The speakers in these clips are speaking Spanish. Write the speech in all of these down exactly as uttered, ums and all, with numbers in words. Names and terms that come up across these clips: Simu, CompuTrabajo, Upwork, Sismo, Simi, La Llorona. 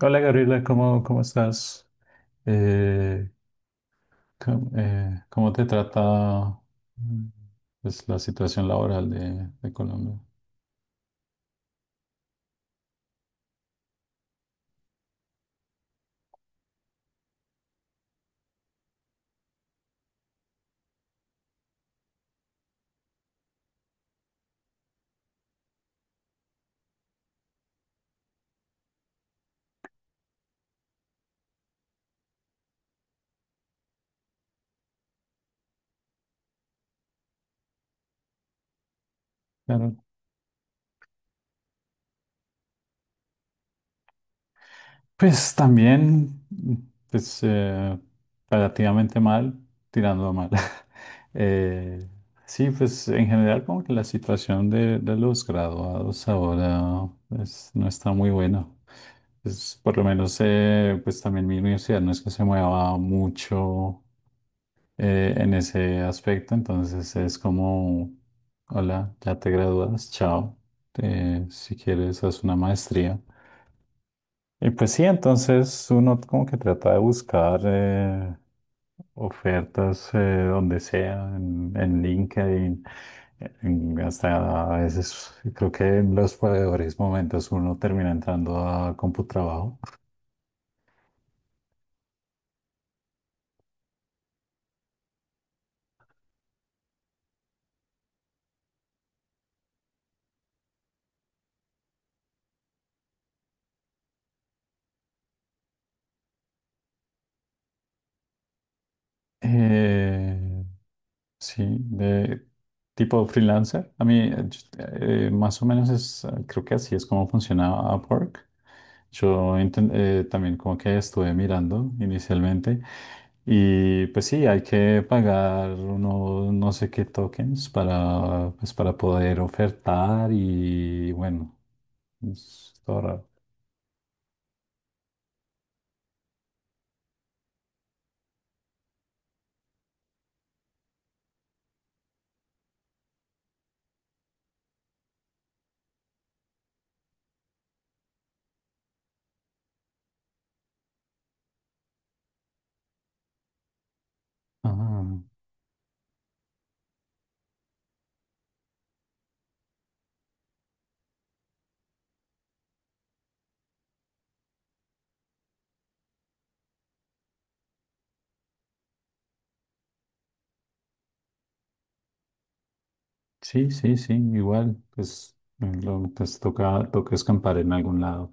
Hola Gabriela, ¿cómo, cómo estás? Eh, ¿cómo, eh, cómo te trata mm, pues, la situación laboral de, de Colombia? Claro. Pues también, mm, pues eh, relativamente mal, tirando a mal. Eh, sí, pues en general como que la situación de, de los graduados ahora pues, no está muy buena. Pues, por lo menos eh, pues también mi universidad no es que se mueva mucho eh, en ese aspecto. Entonces es como, hola, ya te gradúas, chao. Eh, si quieres, haz una maestría. Y pues sí, entonces uno como que trata de buscar eh, ofertas eh, donde sea, en, en LinkedIn, en- hasta a veces creo que en los peores momentos uno termina entrando a CompuTrabajo. Eh, Sí, de tipo freelancer. A mí, eh, yo- eh, más o menos es, eh, creo que así es como funciona Upwork. Yo inten- eh, también como que estuve mirando inicialmente y pues sí, hay que pagar uno, no sé qué tokens para, pues para poder ofertar y bueno, es todo raro. Ah. Sí, sí, sí, igual, pues, lo- pues toca, toca escampar en algún lado.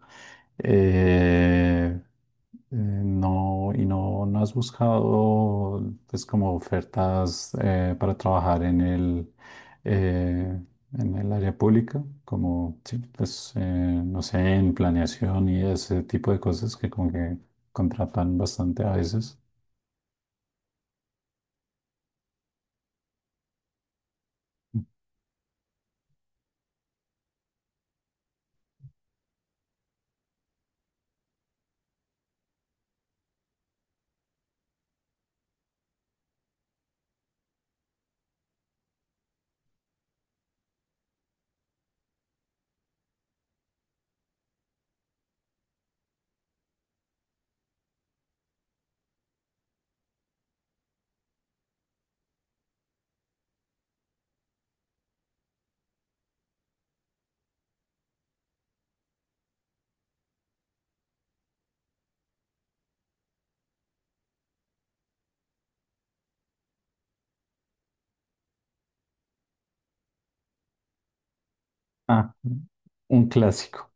Eh, eh, no, y no, no has buscado, pues, como ofertas eh, para trabajar en el, eh, en el área pública, como, sí, pues, eh, no sé, en planeación y ese tipo de cosas que como que contratan bastante a veces. Ah, un clásico.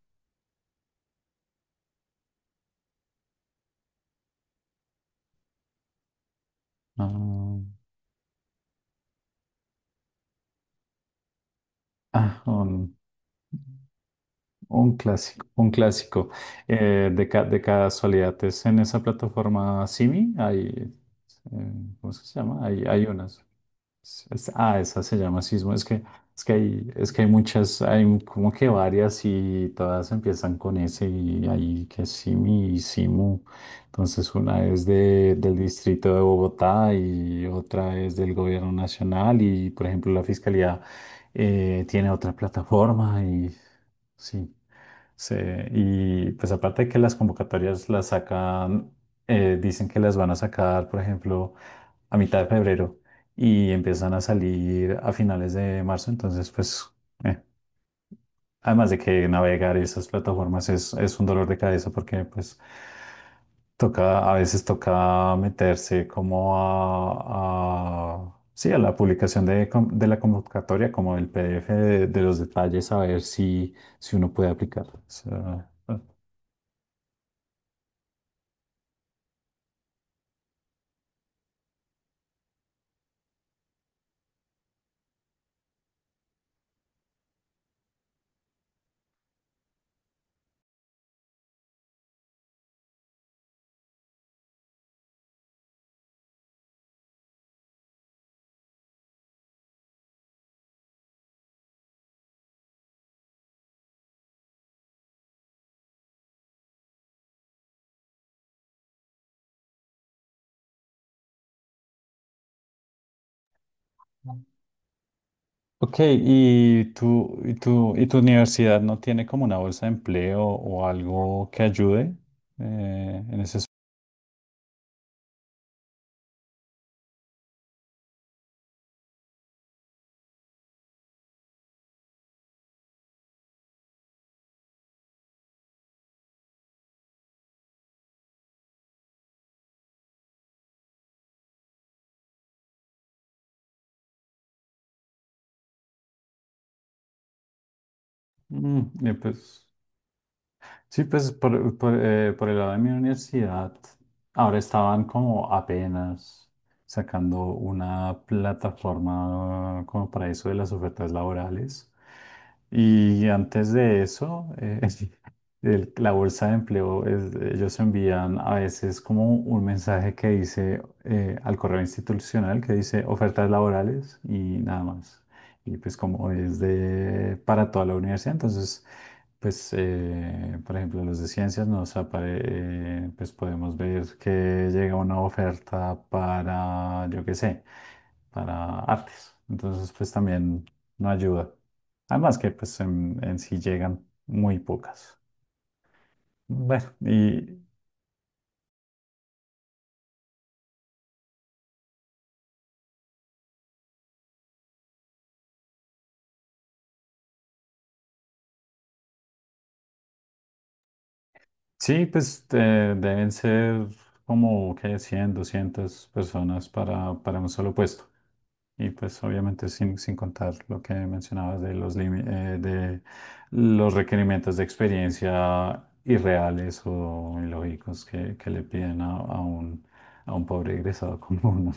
Ah, ah, un- Un clásico, un clásico. Eh, de, ca- de casualidad, es en esa plataforma Simi, hay, eh, ¿cómo es que se llama? Hay, hay unas. Es- es- ah, esa se llama Sismo. Es que, es que hay, es que hay muchas, hay como que varias y todas empiezan con ese y hay que Simi y Simu. Entonces una es de, del distrito de Bogotá y otra es del gobierno nacional y por ejemplo la fiscalía eh, tiene otra plataforma y sí. Sí, y pues aparte de que las convocatorias las sacan, eh, dicen que las van a sacar, por ejemplo, a mitad de febrero y empiezan a salir a finales de marzo, entonces pues, eh, además de que navegar esas plataformas es, es un dolor de cabeza porque pues toca, a veces toca meterse como a, a- sí, a la publicación de, con- de la convocatoria, como el PDF de, de los detalles, a ver si, si uno puede aplicar. O sea, bueno. Ok, ¿y tu, y tu, y tu universidad no tiene como una bolsa de empleo o algo que ayude eh, en ese aspecto? Mm, eh, pues, Sí, pues por, por, eh, por el lado de mi universidad, ahora estaban como apenas sacando una plataforma como para eso de las ofertas laborales. Y antes de eso, eh, el- la bolsa de empleo, es- ellos envían a veces como un mensaje que dice eh, al correo institucional que dice ofertas laborales y nada más. Y pues como es de para toda la universidad, entonces… Pues, eh, por ejemplo, los de ciencias nos apare- eh, pues podemos ver que llega una oferta para, yo qué sé, para artes. Entonces, pues también no ayuda. Además que, pues, en, en sí llegan muy pocas. Bueno, y sí, pues eh, deben ser como, ¿qué? Cien, doscientas personas para, para un solo puesto. Y pues obviamente sin, sin contar lo que mencionabas de los, limi- eh, de los requerimientos de experiencia irreales o ilógicos que, que le piden a, a un, a un pobre egresado común.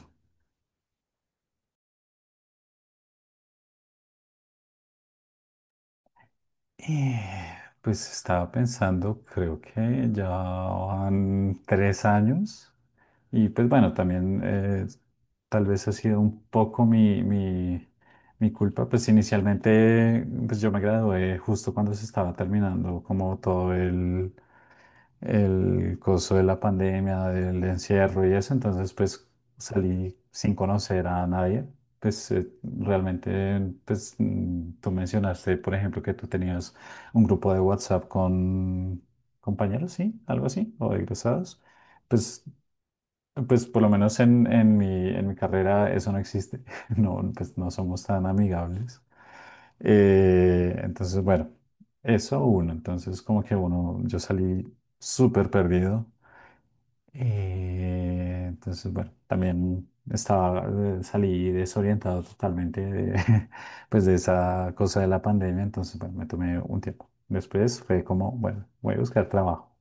Eh, pues estaba pensando, creo que ya van tres años y pues bueno, también eh, tal vez ha sido un poco mi, mi, mi culpa, pues inicialmente pues yo me gradué justo cuando se estaba terminando como todo el, el coso de la pandemia, del encierro y eso, entonces pues salí sin conocer a nadie. Pues eh, realmente, pues mm, tú mencionaste, por ejemplo, que tú tenías un grupo de WhatsApp con compañeros, ¿sí? Algo así, o egresados. Pues, pues por lo menos en, en mi, en mi carrera eso no existe. No, pues no somos tan amigables. Eh, entonces, bueno, eso uno. Entonces, como que uno, yo salí súper perdido. Eh, entonces, bueno, también estaba, eh, salí desorientado totalmente de, pues de esa cosa de la pandemia, entonces, bueno, me tomé un tiempo. Después fue como, bueno, voy a buscar trabajo.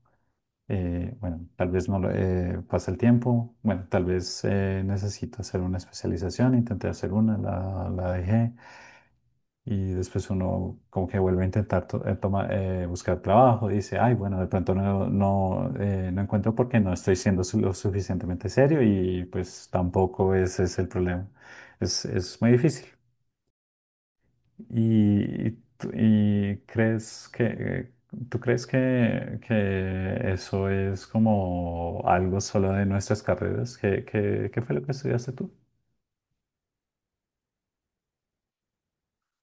Eh, bueno, tal vez no lo- eh, pasa el tiempo, bueno, tal vez eh, necesito hacer una especialización, intenté hacer una, la, la dejé. Y después uno como que vuelve a intentar to- eh, toma- eh, buscar trabajo, dice, ay, bueno, de pronto no, no, eh, no encuentro porque no estoy siendo su- lo suficientemente serio y pues tampoco ese es el problema. Es, es muy difícil. ¿Y, y tú- y crees que, tú crees que, que eso es como algo solo de nuestras carreras? ¿Qué, qué, qué fue lo que estudiaste tú?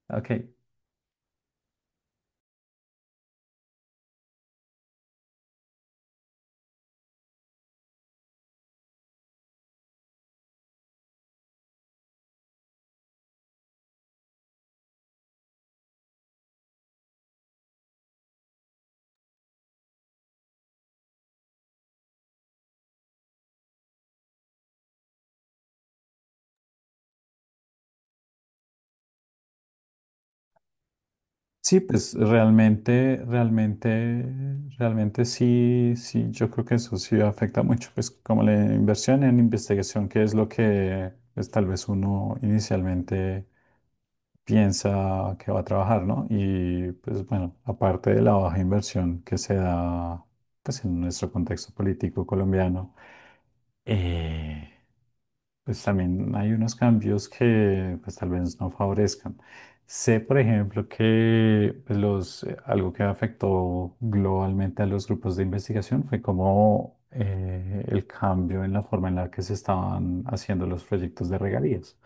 Ok. Sí, pues realmente, realmente, realmente sí, sí, yo creo que eso sí afecta mucho, pues como la inversión en investigación, que es lo que pues, tal vez uno inicialmente piensa que va a trabajar, ¿no? Y pues bueno, aparte de la baja inversión que se da pues en nuestro contexto político colombiano, eh, pues también hay unos cambios que pues tal vez no favorezcan. Sé, por ejemplo, que pues, los, eh, algo que afectó globalmente a los grupos de investigación fue como eh, el cambio en la forma en la que se estaban haciendo los proyectos de regalías.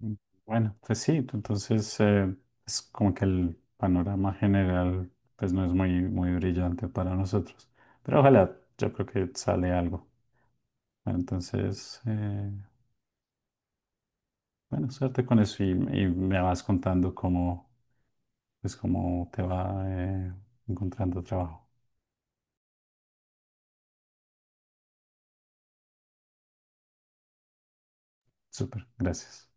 Mm, Bueno, pues sí, t- entonces eh, es como que el panorama general pues no es muy, muy brillante para nosotros, pero ojalá, yo creo que sale algo. Bueno, entonces… eh, Bueno, suerte con eso y, y me vas contando cómo, pues, cómo te va eh, encontrando trabajo. Súper, gracias.